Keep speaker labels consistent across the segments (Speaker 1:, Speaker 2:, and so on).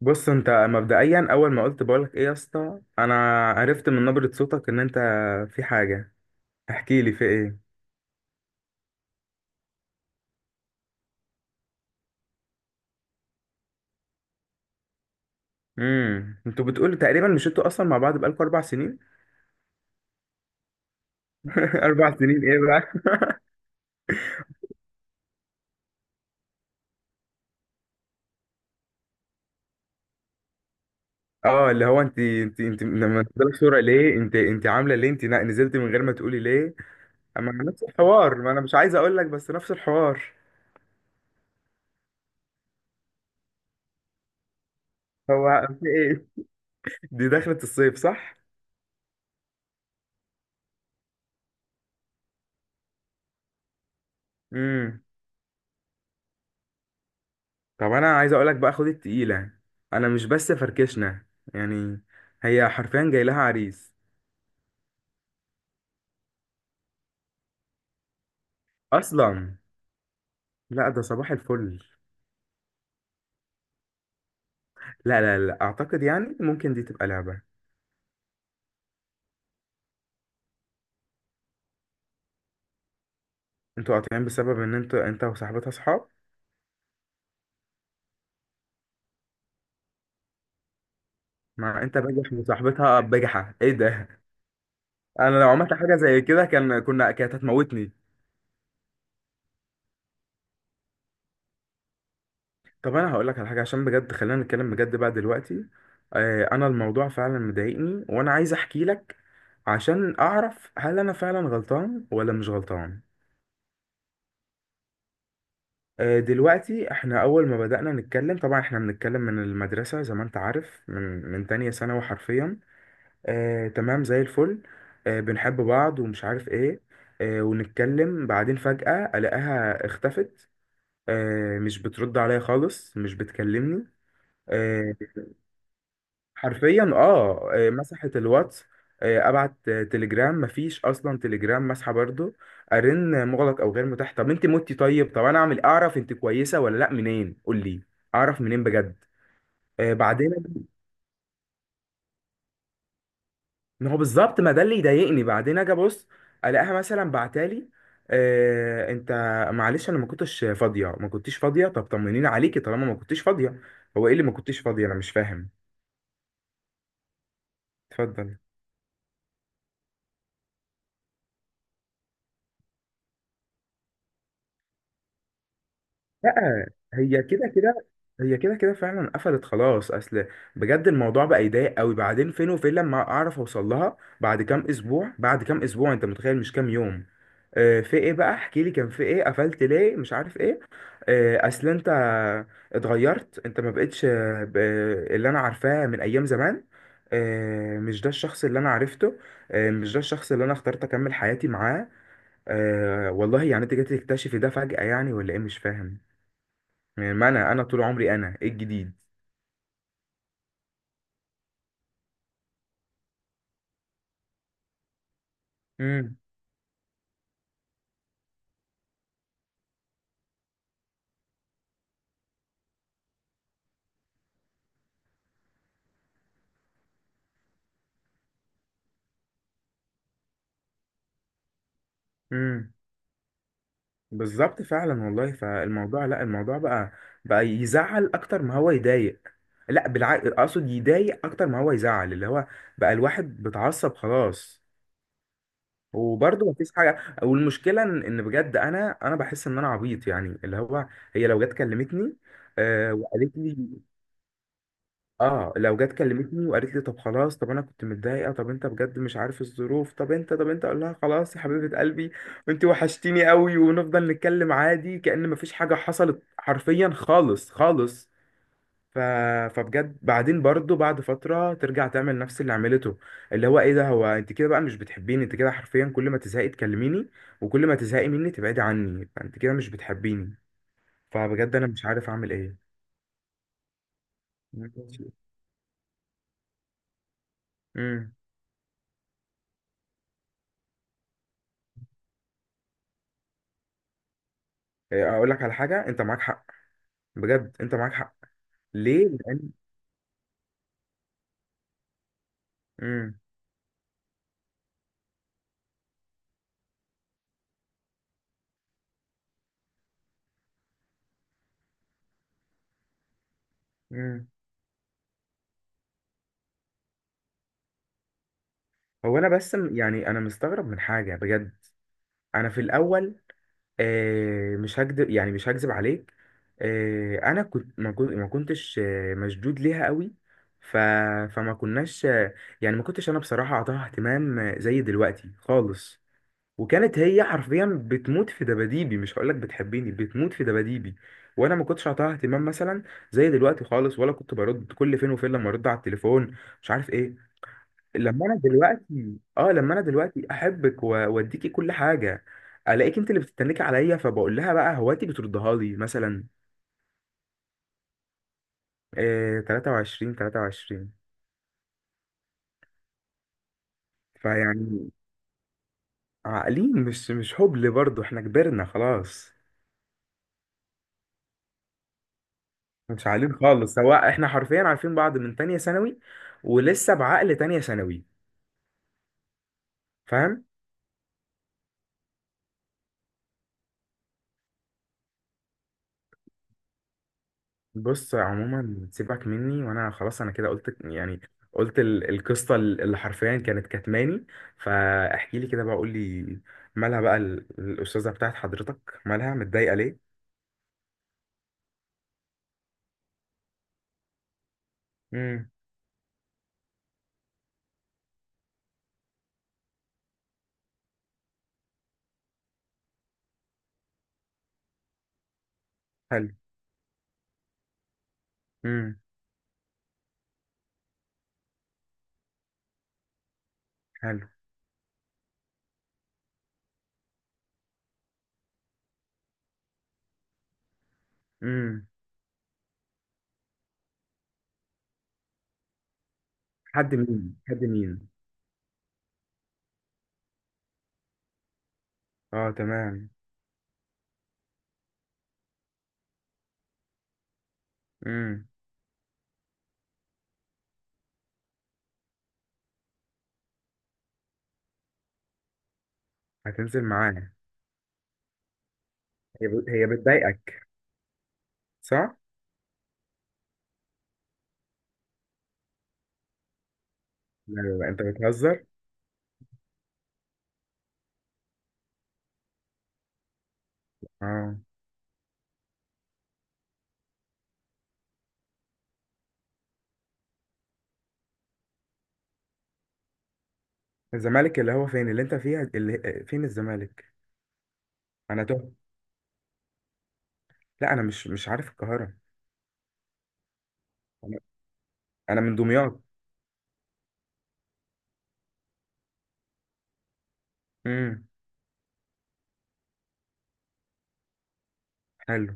Speaker 1: بص انت مبدئيا اول ما قلت بقولك ايه يا اسطى انا، عرفت من نبرة صوتك ان انت في حاجة. احكي لي في ايه؟ انتوا بتقولوا تقريبا، مش انتوا اصلا مع بعض بقالكوا 4 سنين؟ 4 سنين ايه بقى؟ اه، اللي هو انت لما تنزلي صورة ليه؟ انت عاملة ليه؟ انت نزلت من غير ما تقولي ليه؟ اما نفس الحوار، ما انا مش عايز اقول لك، بس نفس الحوار. هو في ايه؟ دي دخلة الصيف، صح؟ امم. طب انا عايز اقولك بقى، خد التقيلة. انا مش بس فركشنا يعني، هي حرفيا جاي لها عريس اصلا. لا، ده صباح الفل. لا، لا، لا، اعتقد يعني ممكن دي تبقى لعبة. انتوا قاطعين بسبب ان انتوا انت وصاحبتها صحاب؟ ما انت بجح وصاحبتها بجحة، ايه ده؟ انا لو عملت حاجة زي كده كانت هتموتني. طب انا هقول لك على حاجه، عشان بجد خلينا نتكلم بجد بقى دلوقتي. انا الموضوع فعلا مضايقني وانا عايز احكي لك، عشان اعرف هل انا فعلا غلطان ولا مش غلطان. دلوقتي احنا اول ما بدأنا نتكلم، طبعا احنا بنتكلم من المدرسه زي ما انت عارف، من تانية ثانوي حرفيا. تمام زي الفل. بنحب بعض ومش عارف ايه. ونتكلم، بعدين فجأة الاقيها اختفت. مش بترد عليا خالص، مش بتكلمني. آه، حرفيا، مسحت الواتس. ابعت تليجرام، مفيش اصلا، تليجرام مسحه برضو. ارن مغلق او غير متاح. طب انت متي؟ طيب، طب انا اعمل، اعرف انت كويسه ولا لا منين؟ قول لي اعرف منين بجد. بعدين، ما هو بالظبط، ما ده اللي يضايقني. بعدين اجي ابص الاقيها مثلا بعتالي انت معلش انا ما كنتش فاضيه، ما كنتيش فاضيه. طب طمنيني عليكي طالما ما كنتيش فاضيه. هو ايه اللي ما كنتيش فاضيه؟ انا مش فاهم. اتفضل. لا، هي كده كده هي كده كده فعلا قفلت خلاص. اصل بجد الموضوع بقى يضايق قوي. بعدين فين وفين لما اعرف اوصل لها، بعد كام اسبوع، بعد كام اسبوع، انت متخيل، مش كام يوم؟ في ايه بقى؟ احكي لي كان في ايه، قفلت ليه مش عارف ايه. اصل انت اتغيرت، انت ما بقتش اللي انا عارفاه من ايام زمان. مش ده الشخص اللي انا عرفته. مش ده الشخص اللي انا اخترت اكمل حياتي معاه. والله يعني انت جيت تكتشفي ده فجأة يعني ولا ايه؟ مش فاهم. يعني ما انا طول عمري، انا ايه الجديد؟ امم. امم. بالظبط فعلا والله. فالموضوع، لا الموضوع بقى يزعل اكتر ما هو يضايق. لا بالعكس، اقصد يضايق اكتر ما هو يزعل. اللي هو بقى الواحد بتعصب خلاص، وبرضه مفيش حاجه. والمشكله ان بجد انا، بحس ان انا عبيط يعني، اللي هو، هي لو جت كلمتني وقالت لي، اه لو جت كلمتني وقالت لي طب خلاص، طب انا كنت متضايقه، طب انت بجد مش عارف الظروف، طب انت اقول لها خلاص يا حبيبه قلبي وانت وحشتيني قوي ونفضل نتكلم عادي كأن مفيش حاجه حصلت حرفيا، خالص خالص. ف... فبجد بعدين برضو، بعد فتره ترجع تعمل نفس اللي عملته، اللي هو ايه ده؟ هو انت كده بقى مش بتحبيني. انت كده حرفيا كل ما تزهقي تكلميني، وكل ما تزهقي مني تبعدي عني، فانت كده مش بتحبيني. فبجد انا مش عارف اعمل ايه. مم. امم. إيه، اقول لك على حاجه، انت معاك حق. بجد انت معاك حق. ليه، لان. امم. امم. هو انا بس يعني انا مستغرب من حاجه بجد. انا في الاول، مش هكدب يعني، مش هكذب عليك. انا كنت ما كنت ما كنتش مشدود ليها قوي. ف فما كناش يعني ما كنتش انا بصراحه اعطاها اهتمام زي دلوقتي خالص. وكانت هي حرفيا بتموت في دباديبي، مش هقولك بتحبني، بتموت في دباديبي. وانا ما كنتش اعطاها اهتمام مثلا زي دلوقتي خالص، ولا كنت برد، كل فين وفين لما ارد على التليفون، مش عارف ايه. لما انا دلوقتي احبك واديكي كل حاجه، الاقيك انت اللي بتتنكي عليا، فبقول لها بقى هواتي بتردها لي مثلا. إيه، 23، 23. فيعني عاقلين، مش هبل برضه، احنا كبرنا خلاص. مش عاقلين خالص، سواء احنا حرفيا عارفين بعض من تانية ثانوي ولسه بعقل تانية ثانوي، فاهم؟ بص عموما سيبك مني، وانا خلاص انا كده قلت يعني، قلت القصة اللي حرفيا كانت كتماني. فاحكي لي كده بقى، قول لي، مالها بقى الأستاذة بتاعت حضرتك، مالها متضايقة ليه؟ امم. حلو. امم. حلو. امم. حد مين؟ حد مين؟ اه تمام. امم. هتنزل معايا؟ هي بتضايقك؟ صح. لا، لا، لا، انت بتهزر. اه. الزمالك اللي هو فين اللي انت فيها؟ اللي فين الزمالك؟ انا تهت، لا انا مش عارف القاهره. انا، من دمياط. امم. حلو.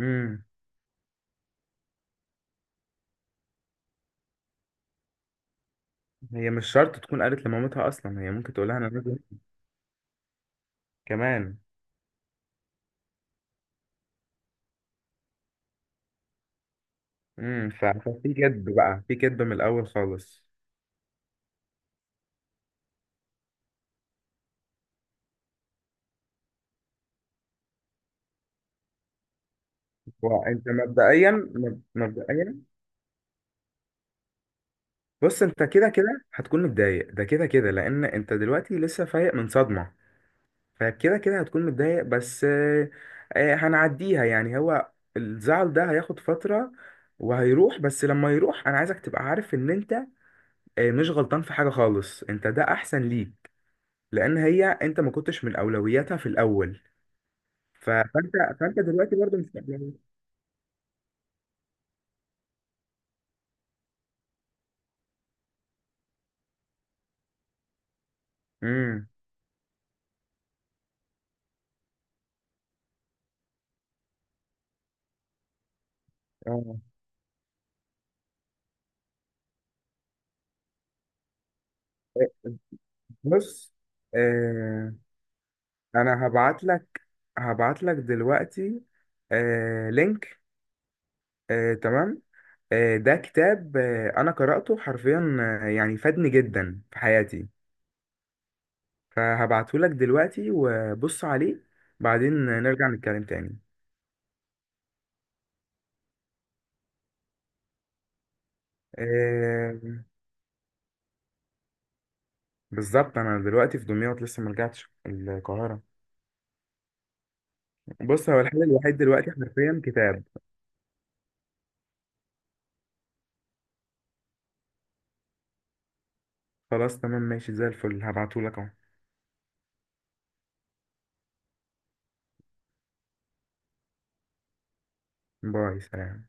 Speaker 1: امم. هي مش شرط تكون قالت لمامتها، اصلا هي ممكن تقولها انا نازل كمان. امم. ففي كذب بقى، في كذب من الاول خالص. وانت مبدئيا، بص انت كده كده هتكون متضايق، ده كده كده لان انت دلوقتي لسه فايق من صدمه. فكده كده هتكون متضايق بس، هنعديها يعني. هو الزعل ده هياخد فترة وهيروح، بس لما يروح انا عايزك تبقى عارف ان انت مش غلطان في حاجة خالص. انت ده احسن ليك، لان هي، انت ما كنتش من اولوياتها في الاول. فانت، فانت دلوقتي برضو مش مقلقان. امم. اه. آه، بص، آه، انا هبعت لك، هبعت لك دلوقتي لينك. تمام. ده كتاب، انا قرأته حرفيا، يعني فادني جدا في حياتي. فهبعته لك دلوقتي وبص عليه، بعدين نرجع نتكلم تاني. آه، بالظبط، انا دلوقتي في دمياط لسه ما رجعتش القاهرة. بص هو الحل الوحيد دلوقتي حرفيا كتاب. خلاص تمام، ماشي، زي الفل، هبعته لك اهو. باي، سلام.